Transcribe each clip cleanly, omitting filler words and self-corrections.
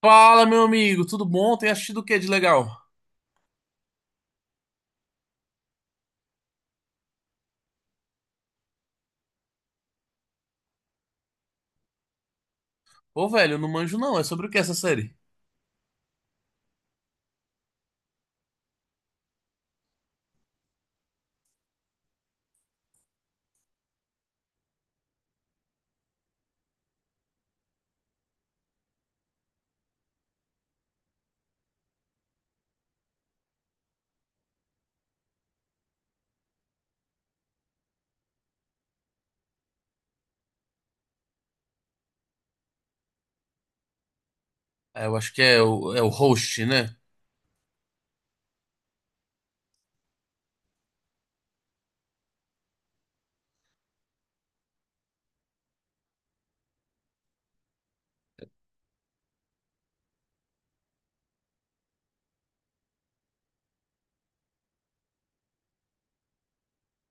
Fala, meu amigo, tudo bom? Tem assistido o que de legal? Ô, velho, eu não manjo não, é sobre o que essa série? É, eu acho que é o, é o host, né?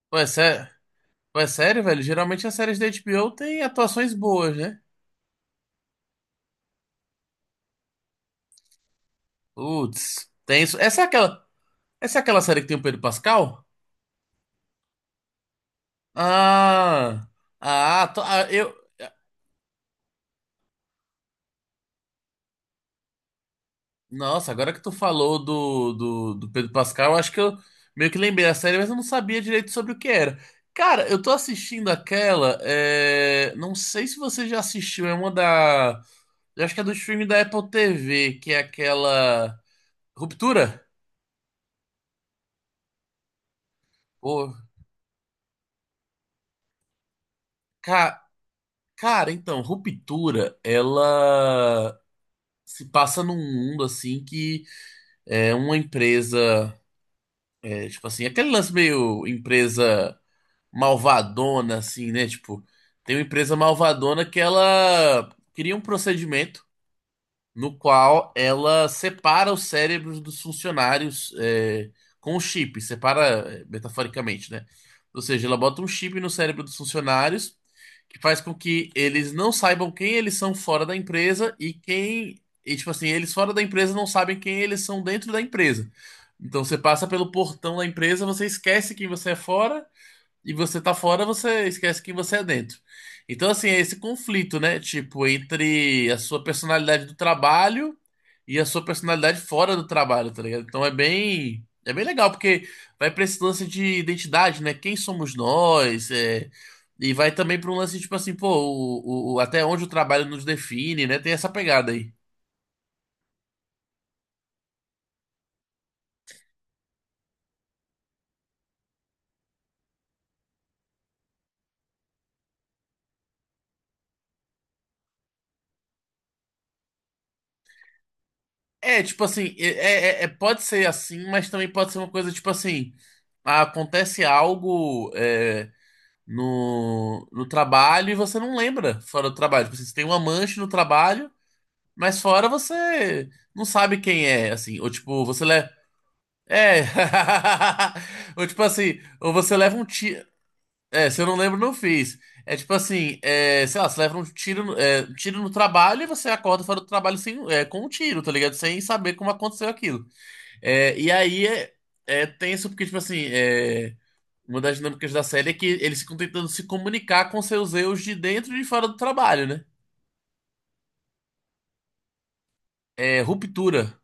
Pô, é, sé... Pô, é sério, velho? Geralmente as séries da HBO têm atuações boas, né? Putz, tem isso. Essa é aquela série que tem o Pedro Pascal? Ah, ah, to- ah, eu... Nossa, agora que tu falou do Pedro Pascal, eu acho que eu meio que lembrei da série, mas eu não sabia direito sobre o que era. Cara, eu tô assistindo aquela. Não sei se você já assistiu, é uma da. Eu acho que é do streaming da Apple TV, que é aquela. Ruptura? Pô, ca- Cara, então, Ruptura, ela se passa num mundo assim que é uma empresa. Tipo assim, aquele lance meio empresa, malvadona, assim, né? Tipo, tem uma empresa malvadona que ela cria um procedimento no qual ela separa os cérebros dos funcionários com o chip, separa metaforicamente, né? Ou seja, ela bota um chip no cérebro dos funcionários que faz com que eles não saibam quem eles são fora da empresa e quem. E, tipo assim, eles fora da empresa não sabem quem eles são dentro da empresa. Então você passa pelo portão da empresa, você esquece quem você é fora e você tá fora, você esquece que você é dentro. Então, assim, é esse conflito, né? Tipo, entre a sua personalidade do trabalho e a sua personalidade fora do trabalho, tá ligado? Então é bem legal, porque vai pra esse lance de identidade, né? Quem somos nós? E vai também pra um lance, tipo assim, pô, até onde o trabalho nos define, né? Tem essa pegada aí. É, tipo assim, pode ser assim, mas também pode ser uma coisa, tipo assim, acontece algo. No trabalho e você não lembra fora do trabalho. Tipo assim, você tem uma mancha no trabalho, mas fora você não sabe quem é, assim. Ou tipo, você leva. É. Ou tipo assim, ou você leva um tiro. É, se eu não lembro, não fiz. É tipo assim, é, sei lá, você leva um tiro, um tiro no trabalho e você acorda fora do trabalho sem, é, com um tiro, tá ligado? Sem saber como aconteceu aquilo. É, e aí é, é tenso porque, tipo assim, é. Uma das dinâmicas da série é que eles ficam tentando se comunicar com seus eus de dentro e de fora do trabalho, né? É, ruptura.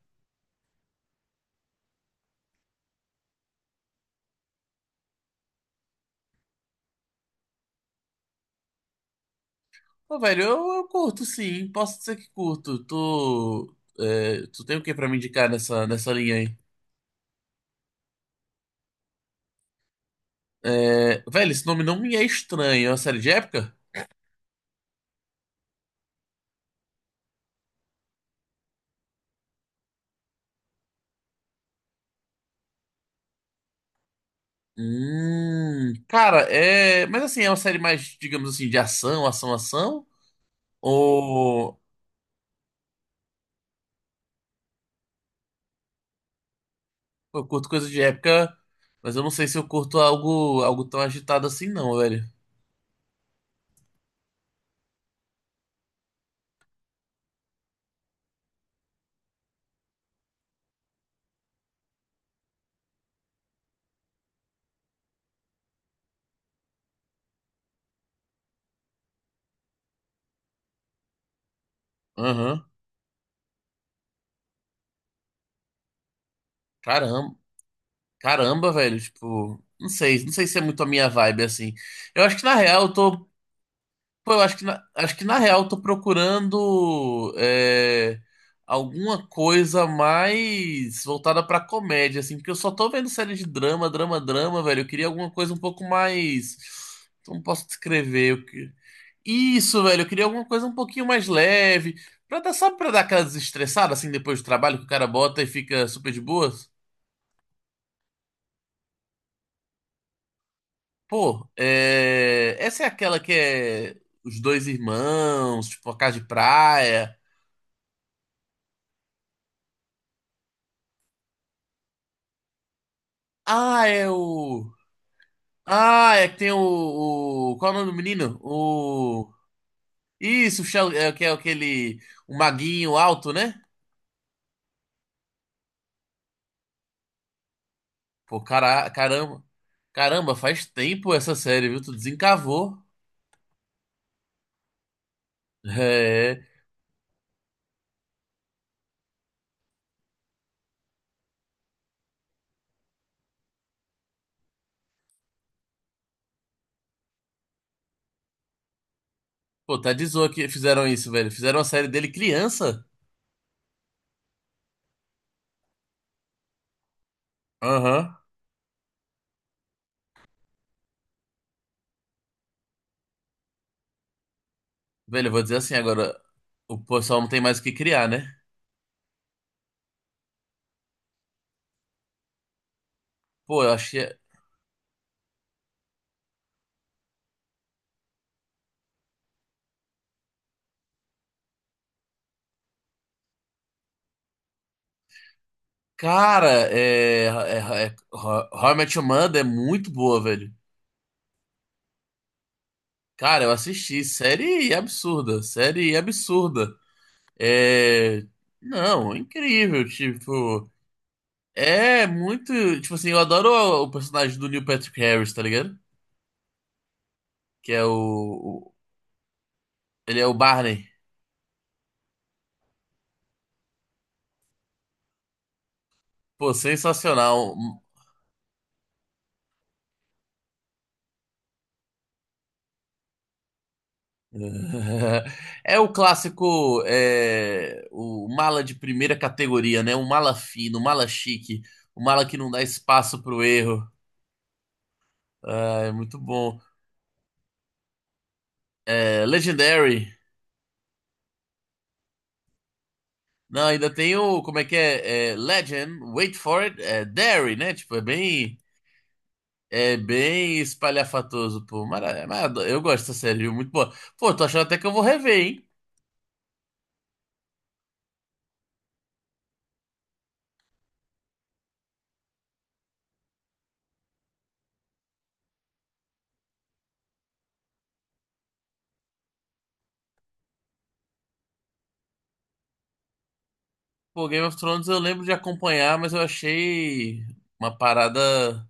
Pô, velho, eu curto sim, posso dizer que curto. Tu, é, tu tem o que pra me indicar nessa, nessa linha aí? É, velho, esse nome não me é estranho. É uma série de época? Cara, é. Mas assim, é uma série mais, digamos assim, de ação, ação, ação? Ou eu curto coisa de época, mas eu não sei se eu curto algo, algo tão agitado assim, não, velho. Aham. Caramba, caramba, velho, tipo, não sei, não sei se é muito a minha vibe assim. Eu acho que na real eu tô, pô, eu acho que na real eu tô procurando alguma coisa mais voltada pra comédia assim, porque eu só tô vendo série de drama, drama, drama, velho. Eu queria alguma coisa um pouco mais, como posso descrever? Isso, velho, eu queria alguma coisa um pouquinho mais leve, pra dar, sabe, pra dar aquela desestressada assim depois do trabalho que o cara bota e fica super de boas. Pô, é... essa é aquela que é os dois irmãos, tipo, a casa de praia. Ah, é o. Ah, é que tem o. Qual é o nome do menino? O. Isso, que é aquele. O maguinho alto, né? Pô, cara... caramba. Caramba, faz tempo essa série, viu? Tu desencavou. É. Pô, tá de zoa que fizeram isso, velho. Fizeram a série dele criança. Aham. Velho, eu vou dizer assim agora. O pessoal não tem mais o que criar, né? Pô, eu achei. Cara, How I Met Your Mother é muito boa, velho. Cara, eu assisti. Série absurda. Série absurda. É... Não, é incrível. Tipo, é muito. Tipo assim, eu adoro o personagem do Neil Patrick Harris, tá ligado? Que é o. Ele é o Barney. Pô, sensacional. É o clássico, é, o mala de primeira categoria, né? O mala fino, o mala chique, o mala que não dá espaço pro erro. Ah, é muito bom. É, Legendary. Não, ainda tem o, como é que é? É, Legend, wait for it, é Dairy, né? Tipo, é bem espalhafatoso, pô. Mas eu gosto dessa série, viu? Muito boa. Pô, tô achando até que eu vou rever, hein? Pô, Game of Thrones eu lembro de acompanhar, mas eu achei uma parada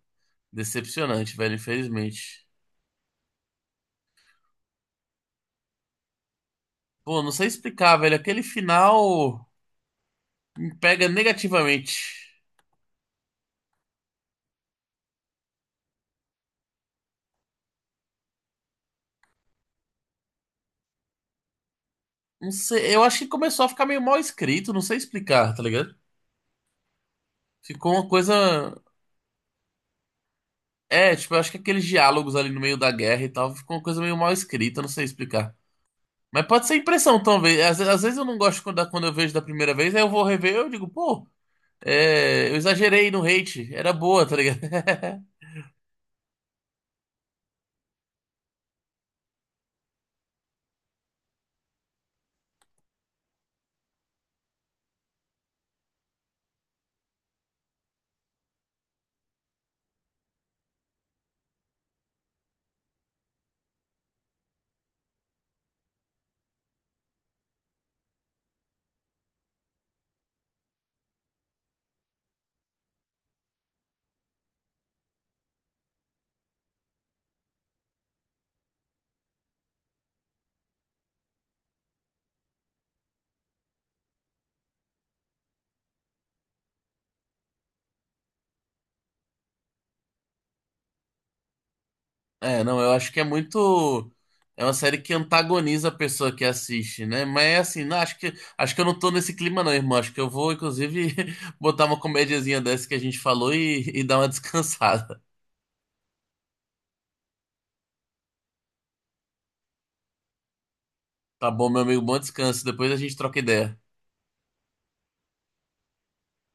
decepcionante, velho, infelizmente. Pô, não sei explicar, velho. Aquele final me pega negativamente. Não sei, eu acho que começou a ficar meio mal escrito, não sei explicar, tá ligado? Ficou uma coisa. É, tipo, eu acho que aqueles diálogos ali no meio da guerra e tal, ficou uma coisa meio mal escrita, não sei explicar. Mas pode ser impressão, talvez. Às, às vezes eu não gosto quando, quando eu vejo da primeira vez, aí eu vou rever, e eu digo, pô, é, eu exagerei no hate, era boa, tá ligado? É, não, eu acho que é muito. É uma série que antagoniza a pessoa que assiste, né? Mas é assim, não, acho que eu não tô nesse clima, não, irmão. Acho que eu vou, inclusive, botar uma comediazinha dessa que a gente falou e dar uma descansada. Tá bom, meu amigo, bom descanso. Depois a gente troca ideia.